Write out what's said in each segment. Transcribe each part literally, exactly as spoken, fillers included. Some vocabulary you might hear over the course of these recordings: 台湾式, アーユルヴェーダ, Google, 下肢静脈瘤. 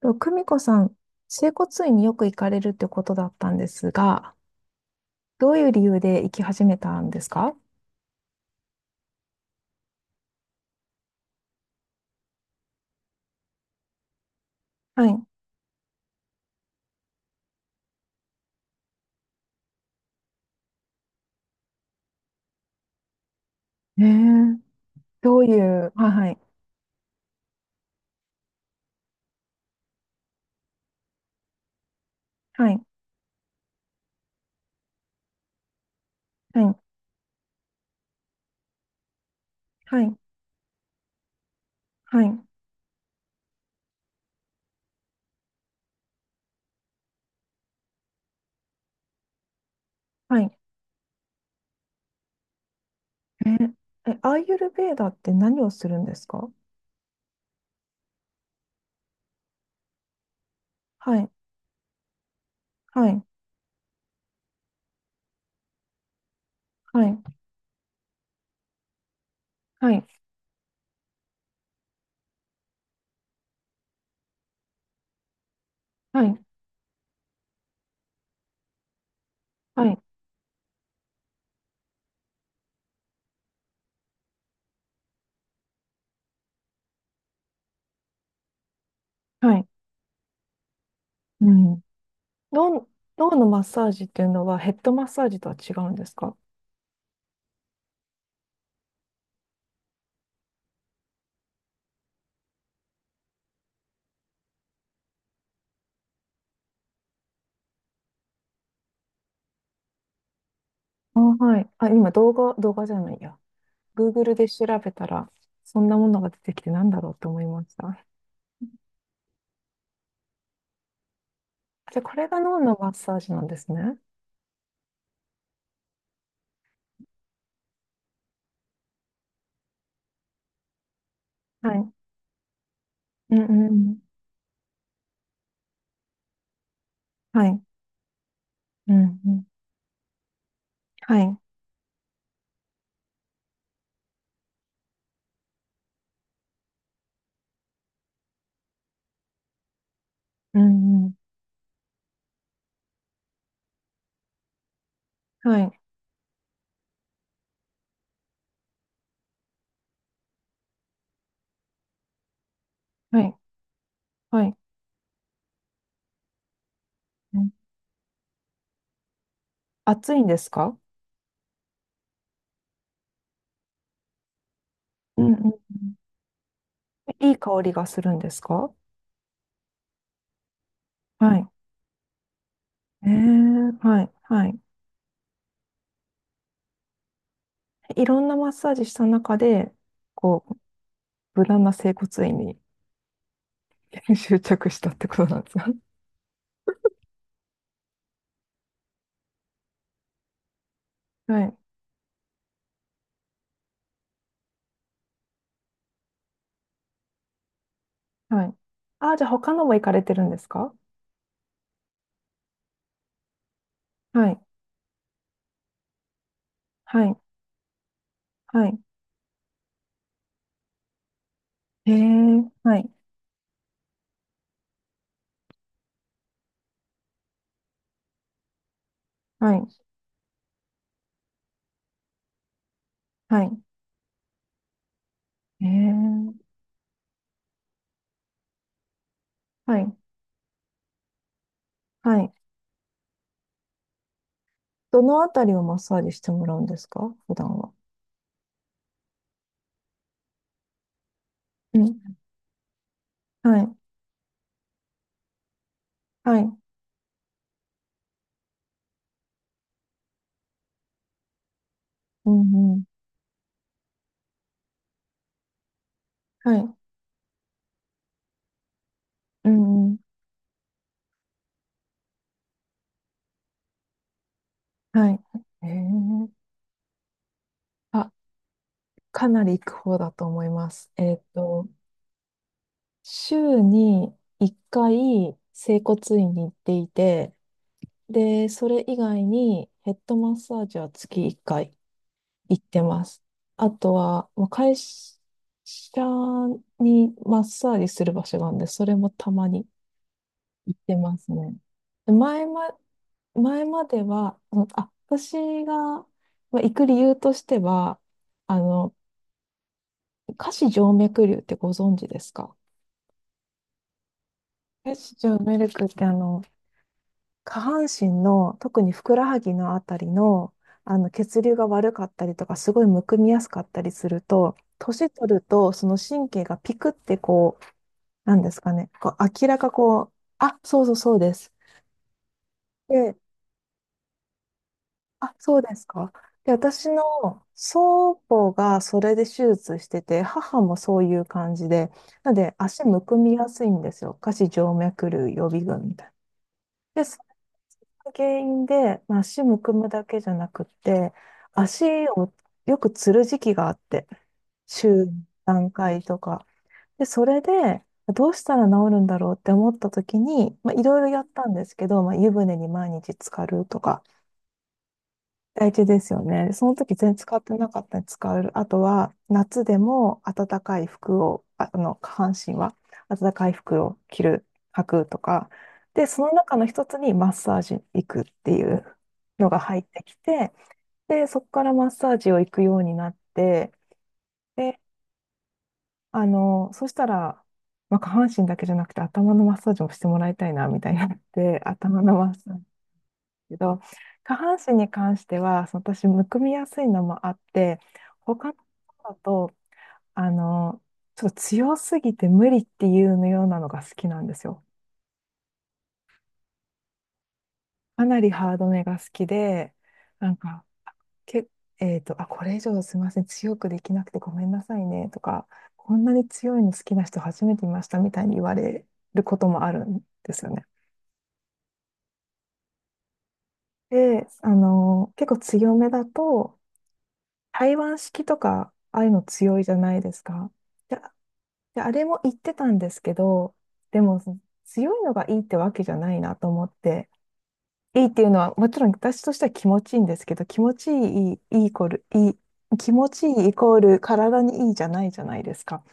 と、久美子さん、整骨院によく行かれるってことだったんですが、どういう理由で行き始めたんですか？はい。ええ、どういう、はい。はい、はい、はい、はい、はい、はい。えー、え、アーユルヴェーダって何をするんですか？はい、はい、はい、はい、はい、はい、はい。うん。脳、脳のマッサージっていうのはヘッドマッサージとは違うんですか？あ、はい。あ、今動画、動画じゃないや。Google で調べたら、そんなものが出てきてなんだろうと思いました。じゃあ、これが脳のマッサージなんですね。はい。うんうんうん。はい。うんうん。はい。うんうん。はい。はい。はい。うん。暑いんですか？うんうんうん。いい香りがするんですか？はい。えー、はい。はい。いろんなマッサージした中で、こう、無難な整骨院に 執着したってことなんですか？はい。はい。ああ、じゃあ他のも行かれてるんですか？はい。はい。はい。へえ、はい、はい、はい。へえ、はい、はい。どのあたりをマッサージしてもらうんですか、普段は？うん、はい、はい、うん、うん、はい、うん、うん、はい。へえ、あ、かなり行く方だと思います。えっと、週にいっかい、整骨院に行っていて、で、それ以外にヘッドマッサージは月いっかい。行ってます。あとは、まあ、会社にマッサージする場所があるんで、それもたまに行ってますね。で前ま、前までは、その、あ、私が、まあ行く理由としては、あの、下肢静脈瘤ってご存知ですか？え、じゃ脈メルクってあの、下半身の、特にふくらはぎのあたりの、あの血流が悪かったりとか、すごいむくみやすかったりすると、年取ると、その神経がピクってこう、なんですかね、こう明らかこう、あ、そうそうそうです。で、あ、そうですか。で、私の祖母がそれで手術してて、母もそういう感じで、なので足むくみやすいんですよ。下肢静脈瘤予備軍みたいな。で、原因で、まあ、足むくむだけじゃなくって、足をよくつる時期があって、週何回とか。で、それで、どうしたら治るんだろうって思った時に、まあ、いろいろやったんですけど、まあ、湯船に毎日浸かるとか、大事ですよね。その時全然使ってなかったら使う。あとは、夏でも暖かい服を、ああの、下半身は暖かい服を着る、履くとか。で、その中の一つにマッサージ行くっていうのが入ってきて、で、そこからマッサージを行くようになって、で、あの、そしたら、まあ、下半身だけじゃなくて頭のマッサージもしてもらいたいな、みたいになって、頭のマッサージ。けど、下半身に関しては、その私、むくみやすいのもあって、他の方だと、あの、ちょっと強すぎて無理っていうようなのが好きなんですよ。かなりハードめが好きで、なんか、け、えっと、あ、これ以上すいません、強くできなくてごめんなさいねとか、こんなに強いの好きな人初めて見ましたみたいに言われることもあるんですよね。で、あの、結構強めだと、台湾式とか、ああいうの強いじゃないですか。で、で、あれも言ってたんですけど、でも、強いのがいいってわけじゃないなと思って、いいっていうのは、もちろん私としては気持ちいいんですけど、気持ちいい、いいイコール、いい、気持ちいいイコール体にいいじゃないじゃないですか。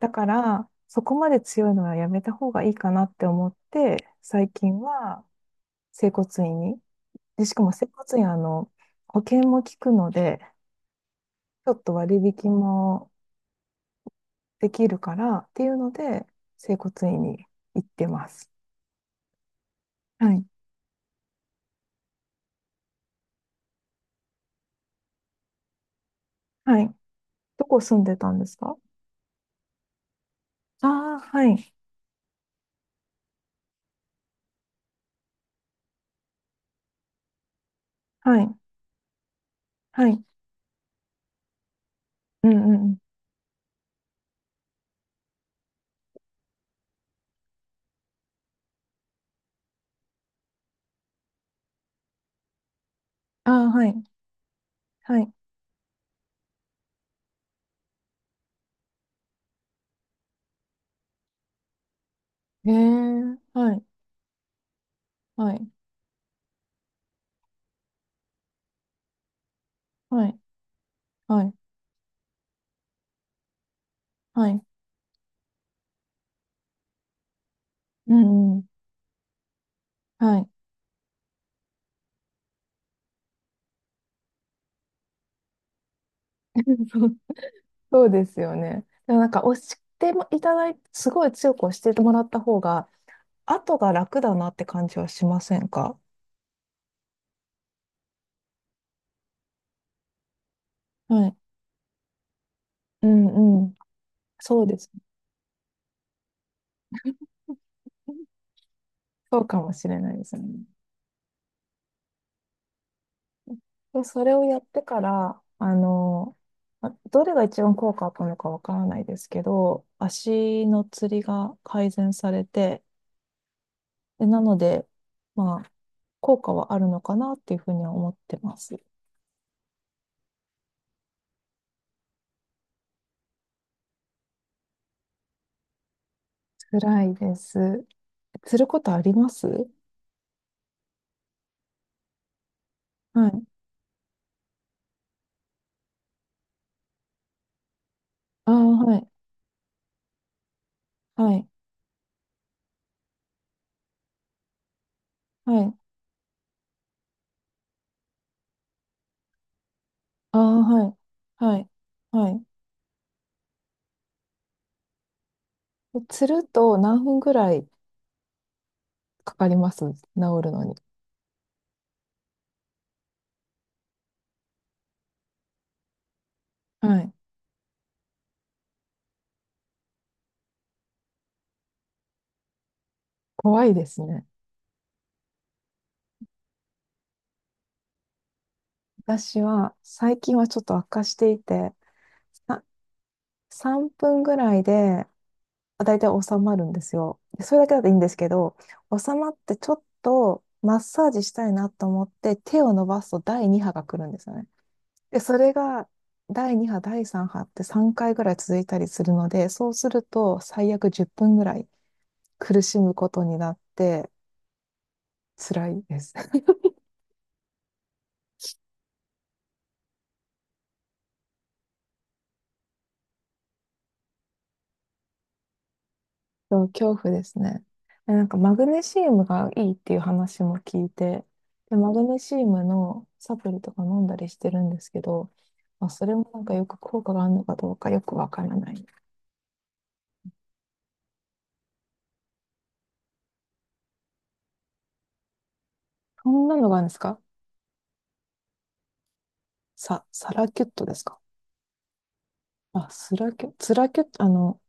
だから、そこまで強いのはやめた方がいいかなって思って、最近は整骨院に、で、しかも整骨院、あの、保険も効くので、ちょっと割引もできるからっていうので、整骨院に行ってます。はい。はい。どこ住んでたんですか？ああー、はい。はい。はい。うんうんうん。ああ、はい。はい。へえ、はい。はい。はい。はい。はい。うんうん。はい。そう、そうですよね。でもなんか押してもいただいて、すごい強く押してもらった方が、後が楽だなって感じはしませんか？はい。うんうん。そうですね。そうかもしれないですね。で、それをやってから、あの、まどれが一番効果あったのかわからないですけど、足のつりが改善されて、で、なので、まあ、効果はあるのかなっていうふうには思ってます。辛いです。つることあります？はい。ああ、はい。はい。はい。ああ、はい。はい。はい。つると何分ぐらいかかります、治るのに？はい。怖いですね。私は最近はちょっと悪化していて、あさんぷんぐらいで、まあだいたい収まるんですよ。でそれだけだといいんですけど、収まってちょっとマッサージしたいなと思って手を伸ばすとだいに波が来るんですよね。で、それがだいに波、だいさん波ってさんかいぐらい続いたりするので、そうすると最悪じゅっぷんぐらい苦しむことになって辛いです。そう、恐怖ですね。でなんかマグネシウムがいいっていう話も聞いて、で、マグネシウムのサプリとか飲んだりしてるんですけど、まあ、それもなんかよく効果があるのかどうかよくわからない。そんなのがあるんですか？さ、サラキュットですか？あ、スラキュ、ツラキュット、あの、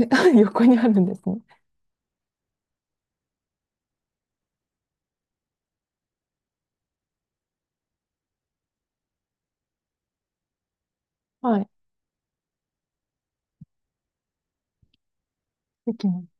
え 横にあるんですね。はい。できます？